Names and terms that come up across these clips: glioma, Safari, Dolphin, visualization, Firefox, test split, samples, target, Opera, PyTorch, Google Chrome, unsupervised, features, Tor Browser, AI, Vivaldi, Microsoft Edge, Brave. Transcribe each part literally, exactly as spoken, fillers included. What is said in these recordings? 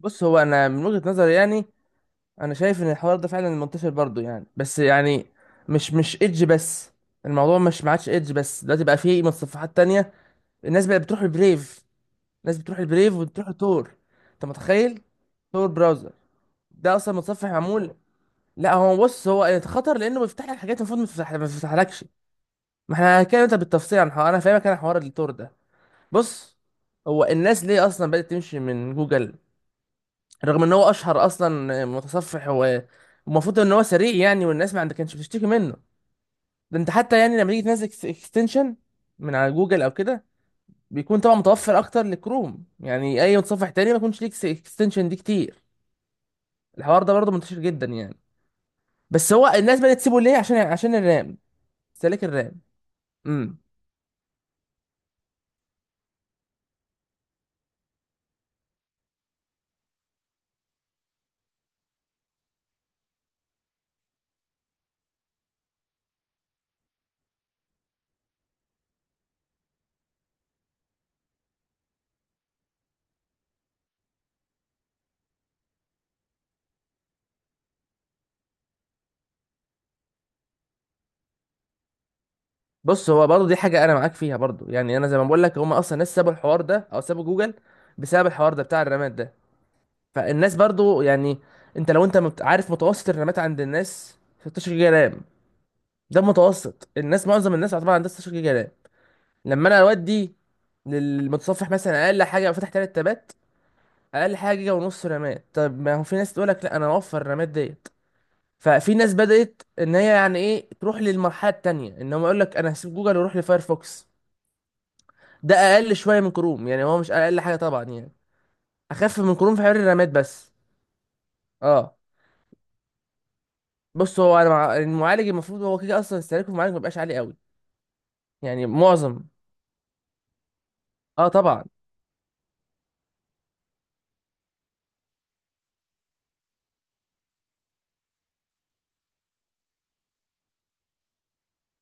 بص هو انا من وجهة نظري يعني انا شايف ان الحوار ده فعلا منتشر برضو يعني بس يعني مش مش ايدج بس. الموضوع مش ما عادش ايدج بس، دلوقتي بقى فيه متصفحات تانية. الناس بقى بتروح البريف، الناس بتروح البريف وبتروح التور. انت متخيل؟ تور براوزر ده اصلا متصفح معمول. لا هو بص هو خطر لانه بيفتح لك حاجات المفروض ما تفتح- ما تفتحلكش. ما احنا هنتكلم انت بالتفصيل عن حوار، انا فاهمك، انا حوار التور ده. بص، هو الناس ليه اصلا بدأت تمشي من جوجل رغم ان هو اشهر اصلا متصفح؟ هو المفروض ان هو سريع يعني، والناس ما عند- كانتش بتشتكي منه. ده انت حتى يعني لما تيجي تنزل اكستنشن من على جوجل او كده بيكون طبعا متوفر اكتر لكروم، يعني اي متصفح تاني ما يكونش ليك اكستنشن دي كتير. الحوار ده برضه منتشر جدا يعني. بس هو الناس بدأت تسيبه ليه؟ عشان عشان الرام، سلك الرام. امم. بص هو برضه دي حاجه انا معاك فيها برضه يعني، انا زي ما بقول لك هم اصلا ناس سابوا الحوار ده او سابوا جوجل بسبب الحوار ده بتاع الرامات ده. فالناس برضو يعني انت لو انت مت- عارف متوسط الرامات عند الناس ستة عشر جيجا رام. ده المتوسط، الناس معظم الناس طبعا عندها ستاشر جيجا رام. لما انا اودي للمتصفح مثلا اقل حاجه لو فتح ثلاث تابات، اقل حاجه جيجا ونص رامات. طب ما هو في ناس تقول لك لا، انا اوفر الرامات ديت. ففي ناس بدات ان هي يعني ايه تروح للمرحله التانيه ان هم يقول لك انا هسيب جوجل واروح لفايرفوكس. ده اقل شويه من كروم، يعني هو مش اقل حاجه طبعا يعني. اخف من كروم في حوار الرامات بس. اه. بص هو انا مع... المعالج المفروض هو كده اصلا استهلاكه في المعالج ما بيبقاش عالي قوي. يعني معظم، اه طبعا.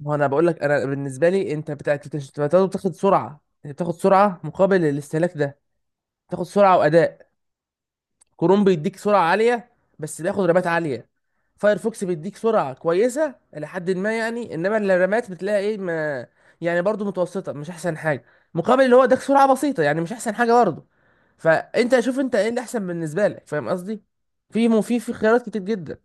ما هو انا بقول لك انا بالنسبه لي انت بتاخد بتاخد سرعه، انت بتاخد سرعه مقابل الاستهلاك ده. بتاخد سرعه واداء. كروم بيديك سرعة عالية بس بياخد رمات عالية. فايرفوكس بيديك سرعة كويسة إلى حد ما يعني، إنما الرمات بتلاقي إيه، ما يعني برضو متوسطة، مش أحسن حاجة، مقابل اللي هو اداك سرعة بسيطة يعني مش أحسن حاجة برضو. فأنت شوف أنت إيه اللي أحسن بالنسبة لك. فاهم قصدي؟ في مو في في خيارات كتير جدا.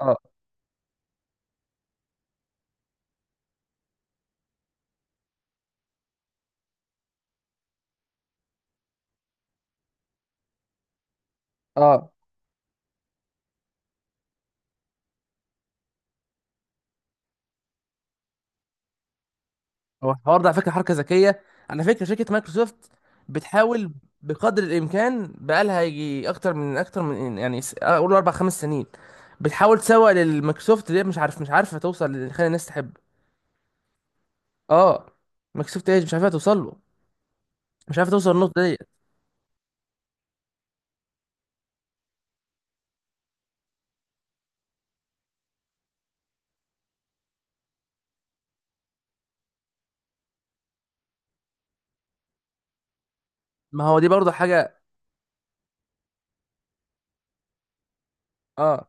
اه، اه. هو الحوار ده على فكرة حركة ذكية. على فكرة شركة مايكروسوفت بتحاول بقدر الإمكان، بقالها يجي أكتر من أكتر من يعني س- أقول أربع خمس سنين بتحاول تسوق للمايكروسوفت. ليه مش عارف، مش عارفه توصل اللي خلي الناس تحب. اه. مايكروسوفت ايدج مش عارفه توصل له، مش عارفه توصل النقطه ديت. ما هو دي برضه حاجه. اه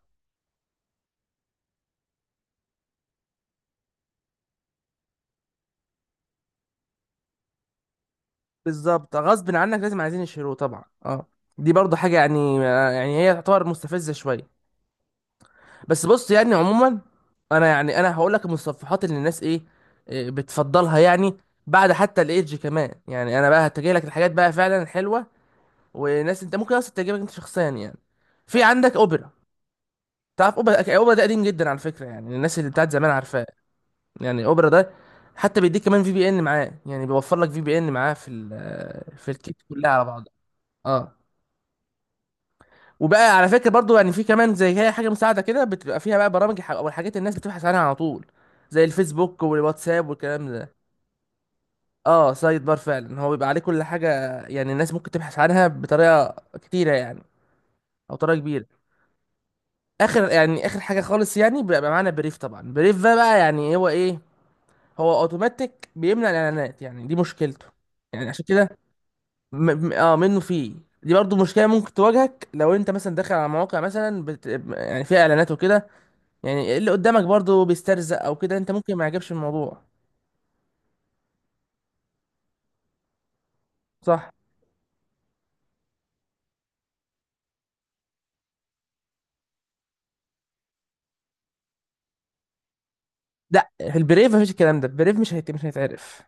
بالظبط، غصب عنك لازم عايزين يشيلوه طبعا، اه. دي برضه حاجه يعني، يعني هي تعتبر مستفزه شويه. بس بص يعني عموما انا يعني انا هقول لك المتصفحات اللي الناس ايه، إيه بتفضلها يعني بعد حتى الايدج كمان. يعني انا بقى هتجي لك الحاجات بقى فعلا الحلوه، وناس انت ممكن اصلا تعجبك انت شخصيا يعني. في عندك اوبرا. تعرف اوبرا؟ اوبرا ده قديم جدا على فكره، يعني الناس اللي بتاعت زمان عارفاه. يعني اوبرا ده حتى بيديك كمان في بي ان معاه، يعني بيوفر لك في بي ان معاه في ال- في الكيت كلها على بعضها. اه. وبقى على فكره برضو يعني في كمان زي هي حاجه مساعده كده بتبقى فيها بقى برامج ح- او الحاجات الناس بتبحث عنها على طول زي الفيسبوك والواتساب والكلام ده. اه، سايد بار فعلا هو بيبقى عليه كل حاجه. يعني الناس ممكن تبحث عنها بطريقه كتيره يعني، او طريقه كبيره. اخر يعني اخر حاجه خالص يعني بيبقى معانا بريف طبعا. بريف ده بقى يعني هو ايه؟ هو اوتوماتيك بيمنع الاعلانات، يعني دي مشكلته يعني. عشان كده م... م- اه منه فيه. دي برضو مشكله ممكن تواجهك لو انت مثلا داخل على مواقع مثلا بت... يعني فيها اعلانات وكده. يعني اللي قدامك برضو بيسترزق او كده، انت ممكن ما يعجبش الموضوع. صح. لا في البريف مفيش الكلام ده، البريف مش هيت... مش هيتعرف.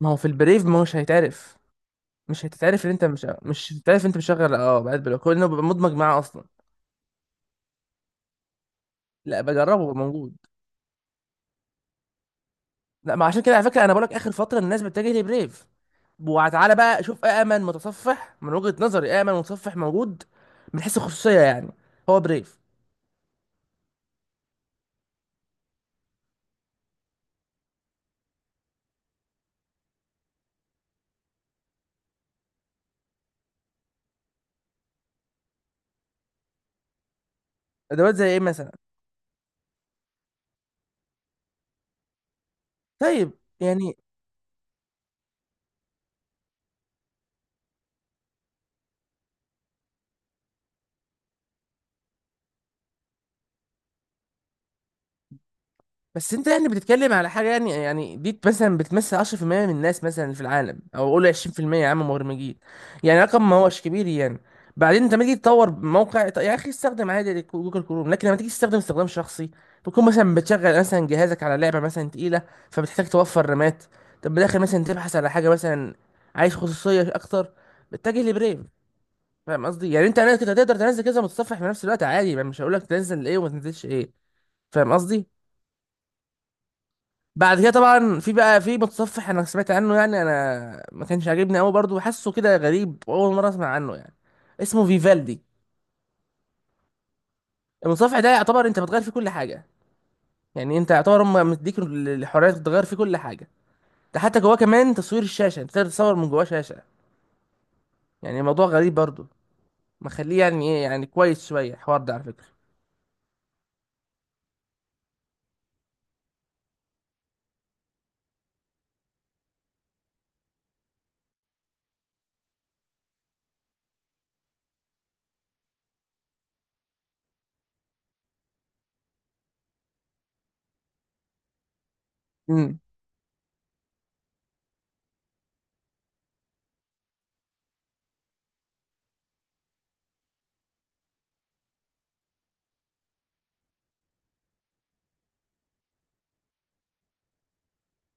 ما هو في البريف ما هوش هيتعرف، مش هتتعرف ان انت مش مش هتتعرف انت مشغل اه بقى بلوك لانه بيبقى مدمج معاه اصلا. لا بجربه بيبقى موجود. لا ما، عشان كده على فكره انا بقولك اخر فتره الناس بتتجه لبريف. وتعالى بقى شوف أأمن متصفح من وجهة نظري، أأمن متصفح موجود من حيث الخصوصية يعني هو بريف. أدوات زي إيه مثلا؟ طيب. يعني بس انت يعني بتتكلم على حاجه يعني، يعني دي مثلا بتمثل عشرة في المية من الناس مثلا في العالم، او قول عشرين في المية يا عم مبرمجين. يعني رقم ما هوش كبير يعني. بعدين انت لما تيجي تطور موقع طيب يا اخي استخدم عادي جوجل كروم، لكن لما تيجي تستخدم استخدام شخصي بتكون مثلا بتشغل مثلا جهازك على لعبه مثلا تقيله فبتحتاج توفر رامات. طب بداخل مثلا تبحث على حاجه مثلا عايز خصوصيه اكتر، بتتجه لبريف. فاهم قصدي؟ يعني انت كنت هتقدر تنزل كذا متصفح في نفس الوقت عادي، ما مش هقول لك تنزل ايه وما تنزلش ايه. فاهم قصدي؟ بعد كده طبعا في بقى في متصفح انا سمعت عنه يعني، انا ما كانش عاجبني قوي برضه، حاسه كده غريب اول مره اسمع عنه يعني. اسمه فيفالدي. المتصفح ده يعتبر انت بتغير فيه كل حاجه. يعني انت يعتبر هم مديك الحريه تغير فيه كل حاجه. ده حتى جواه كمان تصوير الشاشه انت تقدر تصور من جواه شاشه. يعني الموضوع غريب برضه، مخليه يعني ايه يعني كويس شويه الحوار ده على فكره. امم.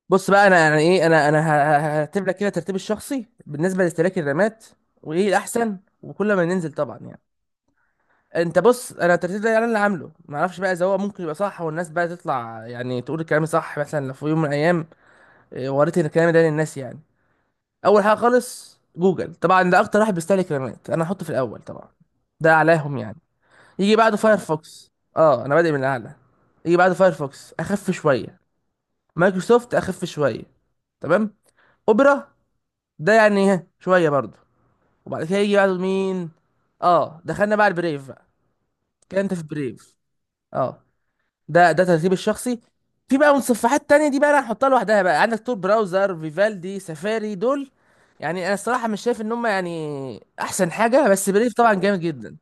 بص بقى انا يعني ايه، انا انا ه- ه- هرتب لك كده ترتيب الشخصي بالنسبه لاستهلاك الرامات. وايه الاحسن وكل ما ننزل طبعا يعني. انت بص، انا الترتيب ده انا اللي عامله، ما اعرفش بقى اذا هو ممكن يبقى صح والناس بقى تطلع يعني تقول الكلام صح مثلا لو في يوم من الايام اه، وريت الكلام ده للناس يعني. اول حاجه خالص جوجل طبعا، ده اكتر واحد بيستهلك الكلمات، انا هحطه في الاول طبعا، ده اعلاهم يعني. يجي بعده فايرفوكس. اه انا بادئ من الاعلى. يجي بعده فايرفوكس اخف شويه. مايكروسوفت اخف شويه. تمام. اوبرا ده يعني ها شويه برضه. وبعد كده يجي بعده مين؟ اه دخلنا بقى على البريف بقى. كده انت في بريف. اه. ده ده ترتيب الشخصي. في بقى متصفحات تانية، دي بقى انا هحطها لوحدها، بقى عندك تور براوزر، فيفالدي، سفاري، دول يعني انا الصراحة مش شايف ان هم يعني احسن حاجة، بس بريف طبعا جامد جدا.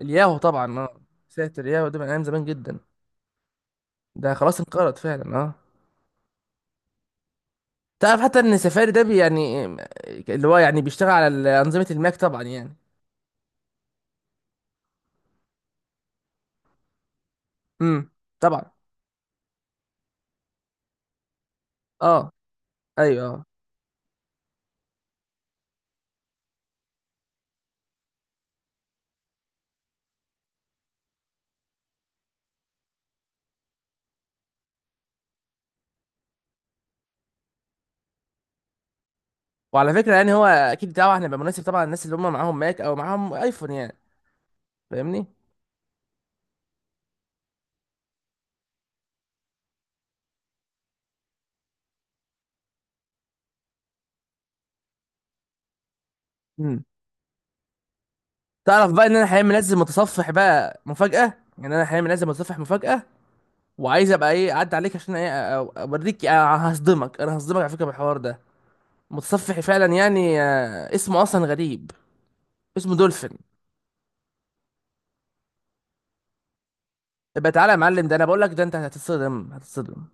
الياهو طبعا اه. ساتر، ياهو ده من ايام زمان جدا. ده خلاص انقرض فعلا اه. تعرف حتى ان سفاري ده بي يعني، اللي هو يعني بيشتغل على ال- انظمة الماك طبعا يعني. امم. طبعا. اه ايوه اه. وعلى فكرة يعني هو اكيد طبعا هيبقى مناسب طبعا للناس اللي هم معاهم ماك او معاهم ايفون يعني. فاهمني. تعرف بقى ان انا حاليا منزل متصفح بقى مفاجأة. يعني انا حاليا منزل متصفح مفاجأة. وعايز ابقى ايه اعدي عليك عشان ايه أ- أ- اوريك أ- هصدمك. انا هصدمك على فكرة بالحوار ده. متصفحي فعلا يعني آه، اسمه اصلا غريب. اسمه دولفين. ابقى تعالى يا معلم، ده انا بقول لك، ده انت هتتصدم هتتصدم